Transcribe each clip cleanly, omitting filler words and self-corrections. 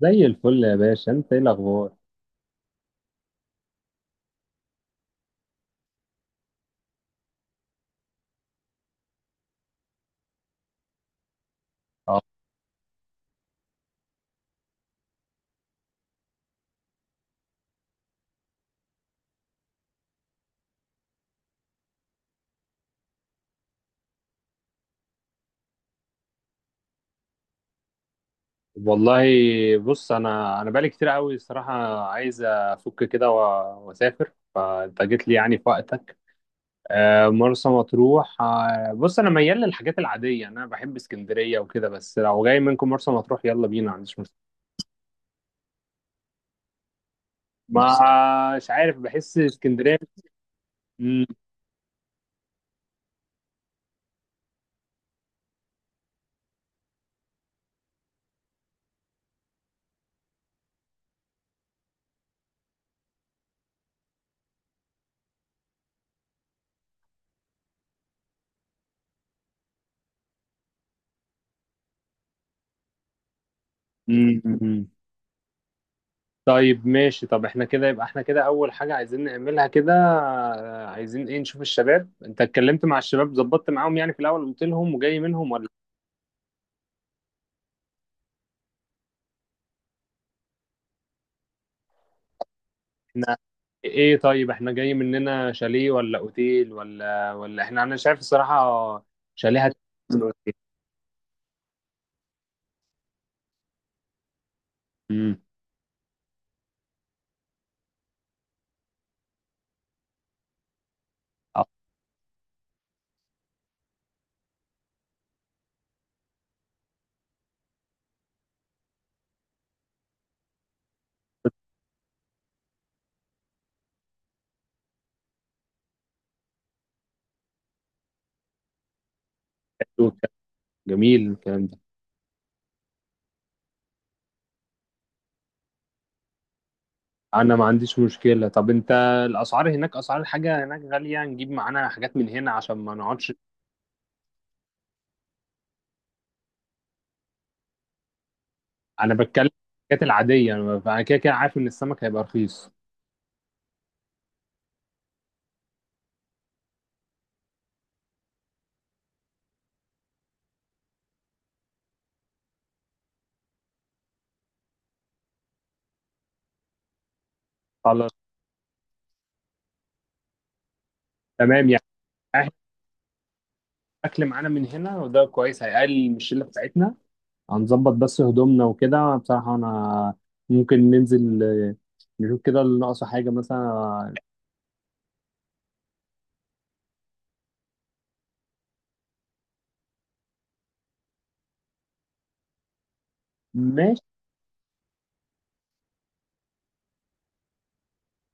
زي الفل يا باشا، انت ايه الاخبار؟ اه والله، بص، انا بقالي كتير قوي الصراحه عايز افك كده واسافر، فانت جيت لي يعني في وقتك. مرسى مطروح. بص، انا ميال للحاجات العاديه، انا بحب اسكندريه وكده، بس لو جاي منكم مرسى مطروح يلا بينا، ما عنديش مشكله. ما مش عارف، بحس اسكندريه. مم، مم، مم. طيب ماشي. طب احنا كده يبقى احنا كده اول حاجة عايزين نعملها كده، عايزين ايه نشوف الشباب. انت اتكلمت مع الشباب، ظبطت معاهم يعني في الاول قلت لهم وجاي منهم ولا؟ احنا ايه؟ طيب احنا جاي مننا شاليه ولا اوتيل ولا احنا، انا شايف الصراحة شاليه. هتنزل اوتيل؟ امم جميل الكلام ده. انا ما عنديش مشكلة. طب انت الاسعار هناك، اسعار الحاجة هناك غالية؟ نجيب معانا حاجات من هنا عشان ما نقعدش. انا بتكلم الحاجات العادية، انا كده كده عارف ان السمك هيبقى رخيص. خلاص. تمام يعني. احنا الاكل معانا من هنا وده كويس، هيقلل من الشله بتاعتنا. هنظبط بس هدومنا وكده، بصراحه انا ممكن ننزل نشوف كده اللي ناقصه حاجه مثلا. ماشي.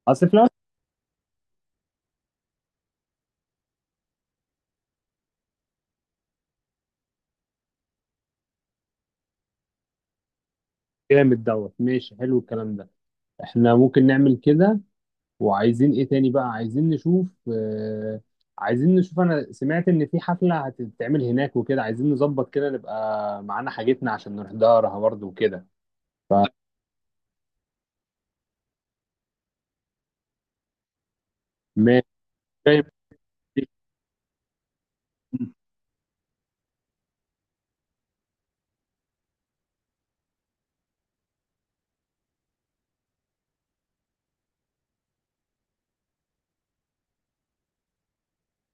اصل في الأول جامد دوت. ماشي، حلو الكلام ده. احنا ممكن نعمل كده. وعايزين ايه تاني بقى؟ عايزين نشوف. آه، عايزين نشوف، انا سمعت ان في حفله هتتعمل هناك، وكده عايزين نظبط كده نبقى معانا حاجتنا عشان نحضرها برضه وكده. فماشي.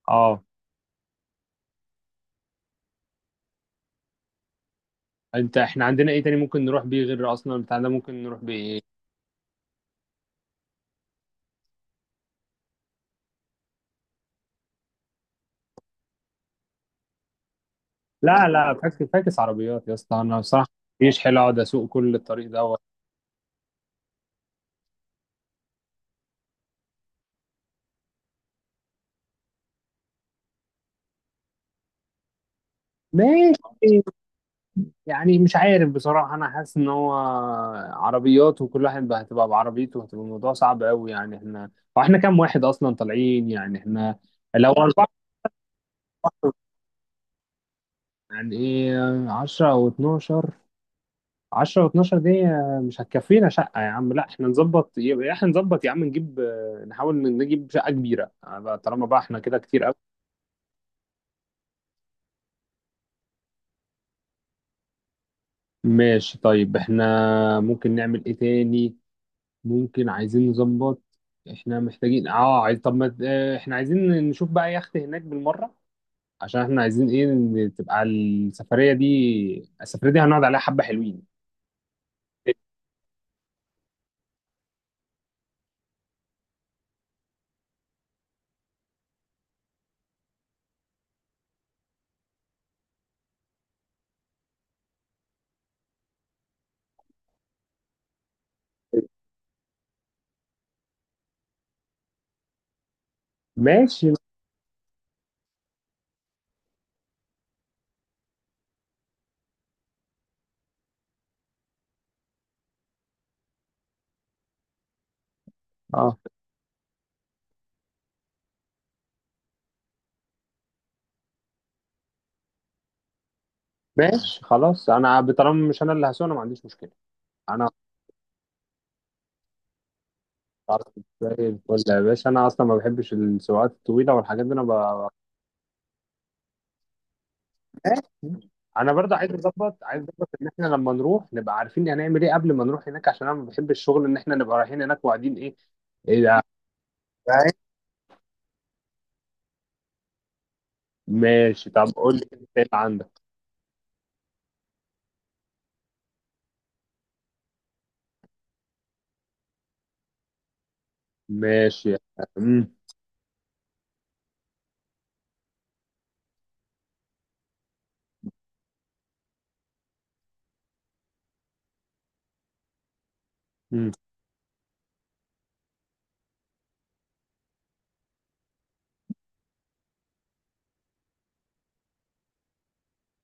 اه، انت احنا عندنا ايه تاني ممكن نروح بيه غير ارسنال بتاعنا؟ ممكن نروح بايه؟ لا ممكن، لا، فاكس فاكس عربيات يا اسطى، انا بصراحه مفيش. حلو اقعد اسوق كل الطريق دوت. ماشي يعني، مش عارف بصراحه. انا حاسس ان هو عربيات وكل واحد بقى هتبقى بعربيته، هتبقى الموضوع صعب قوي يعني. احنا واحنا كام واحد اصلا طالعين يعني؟ احنا لو اربعه يعني، ايه 10 او 12؟ 10 و12 دي مش هتكفينا شقة يا عم. لا احنا نظبط، يبقى احنا نظبط يا عم نجيب، نحاول نجيب شقة كبيرة بقى، طالما بقى احنا كده كتير قوي. ماشي. طيب احنا ممكن نعمل ايه تاني؟ ممكن، عايزين نظبط. احنا محتاجين اه، عايز، طب ما احنا عايزين نشوف بقى يخت هناك بالمرة، عشان احنا عايزين ايه، إن تبقى السفرية دي، السفرية دي هنقعد عليها حبة حلوين. ماشي. اه. ماشي خلاص، انا طالما مش انا اللي هسوق، انا ما عنديش مشكلة. انا عارف، زي الفل يا باشا. انا اصلا ما بحبش السواقات الطويله والحاجات دي، انا ب... ماشي. انا برضه عايز اظبط، عايز اظبط ان احنا لما نروح نبقى عارفين هنعمل ايه قبل ما نروح هناك، عشان انا ما بحبش الشغل ان احنا نبقى رايحين هناك وقاعدين ايه. ايه ده؟ ماشي، طب قول لي إنت ايه اللي عندك. ماشي. مم. مم.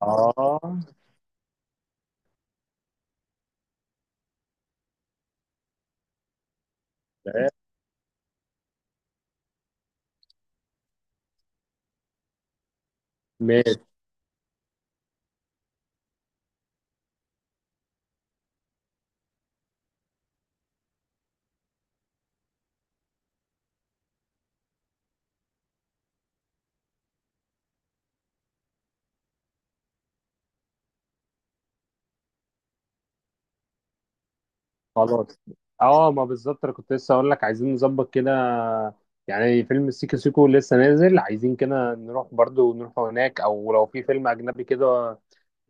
اه، ماشي خلاص. اه، ما بالظبط، انا كنت لسه اقول لك عايزين نظبط كده، يعني فيلم سيكو سيكو لسه نازل، عايزين كده نروح برضو نروح هناك، او لو في فيلم اجنبي كده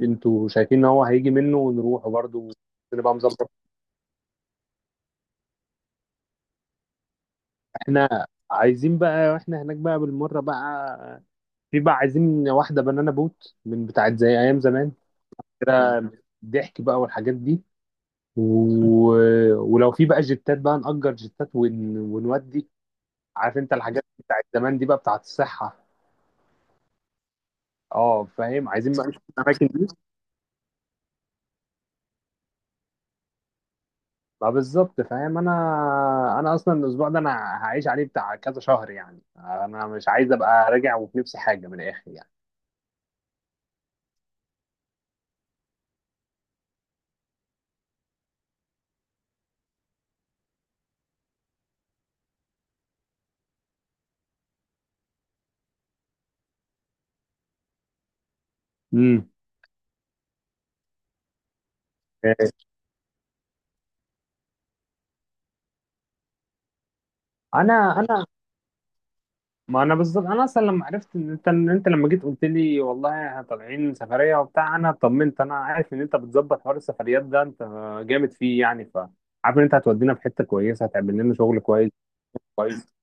انتوا شايفين ان هو هيجي منه ونروح برضو. نبقى مظبط. احنا عايزين بقى واحنا هناك بقى بالمرة بقى، في بقى عايزين واحدة بنانا بوت من بتاعت زي ايام زمان كده، ضحك بقى والحاجات دي، و... ولو في بقى جتات بقى نأجر جتات ون... ونودي. عارف انت الحاجات بتاعت زمان دي بقى بتاعت الصحة. اه فاهم، عايزين بقى نشوف الاماكن دي. ما بالظبط فاهم انا. انا اصلا الاسبوع ده انا هعيش عليه بتاع كذا شهر يعني، انا مش عايز ابقى راجع وفي نفسي حاجة من الاخر يعني. امم انا انا ما انا بالظبط، انا اصلا لما عرفت ان انت لما جيت قلت لي والله احنا طالعين سفريه وبتاع، انا طمنت، انا عارف ان انت بتظبط حوار السفريات ده، انت جامد فيه يعني. ف عارف ان انت هتودينا في حته كويسه، هتعمل لنا شغل كويس. كويس.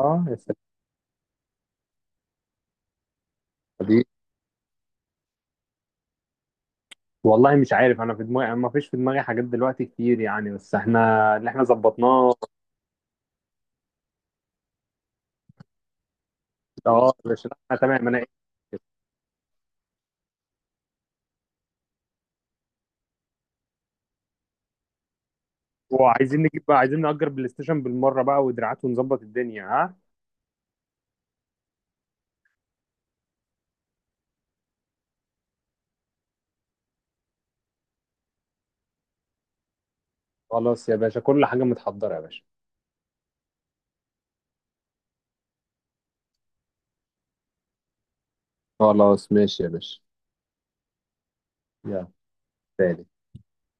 اه يا سلام. والله مش عارف، انا في دماغي ما فيش، في دماغي حاجات دلوقتي كتير يعني، بس احنا اللي احنا ظبطناه. اه، مش احنا تمام؟ انا وعايزين نجيب بقى، عايزين نأجر بلاي ستيشن بالمرة بقى ودراعات ونظبط الدنيا. ها خلاص يا باشا، كل حاجة متحضرة يا باشا. خلاص ماشي يا باشا. يلا سلام.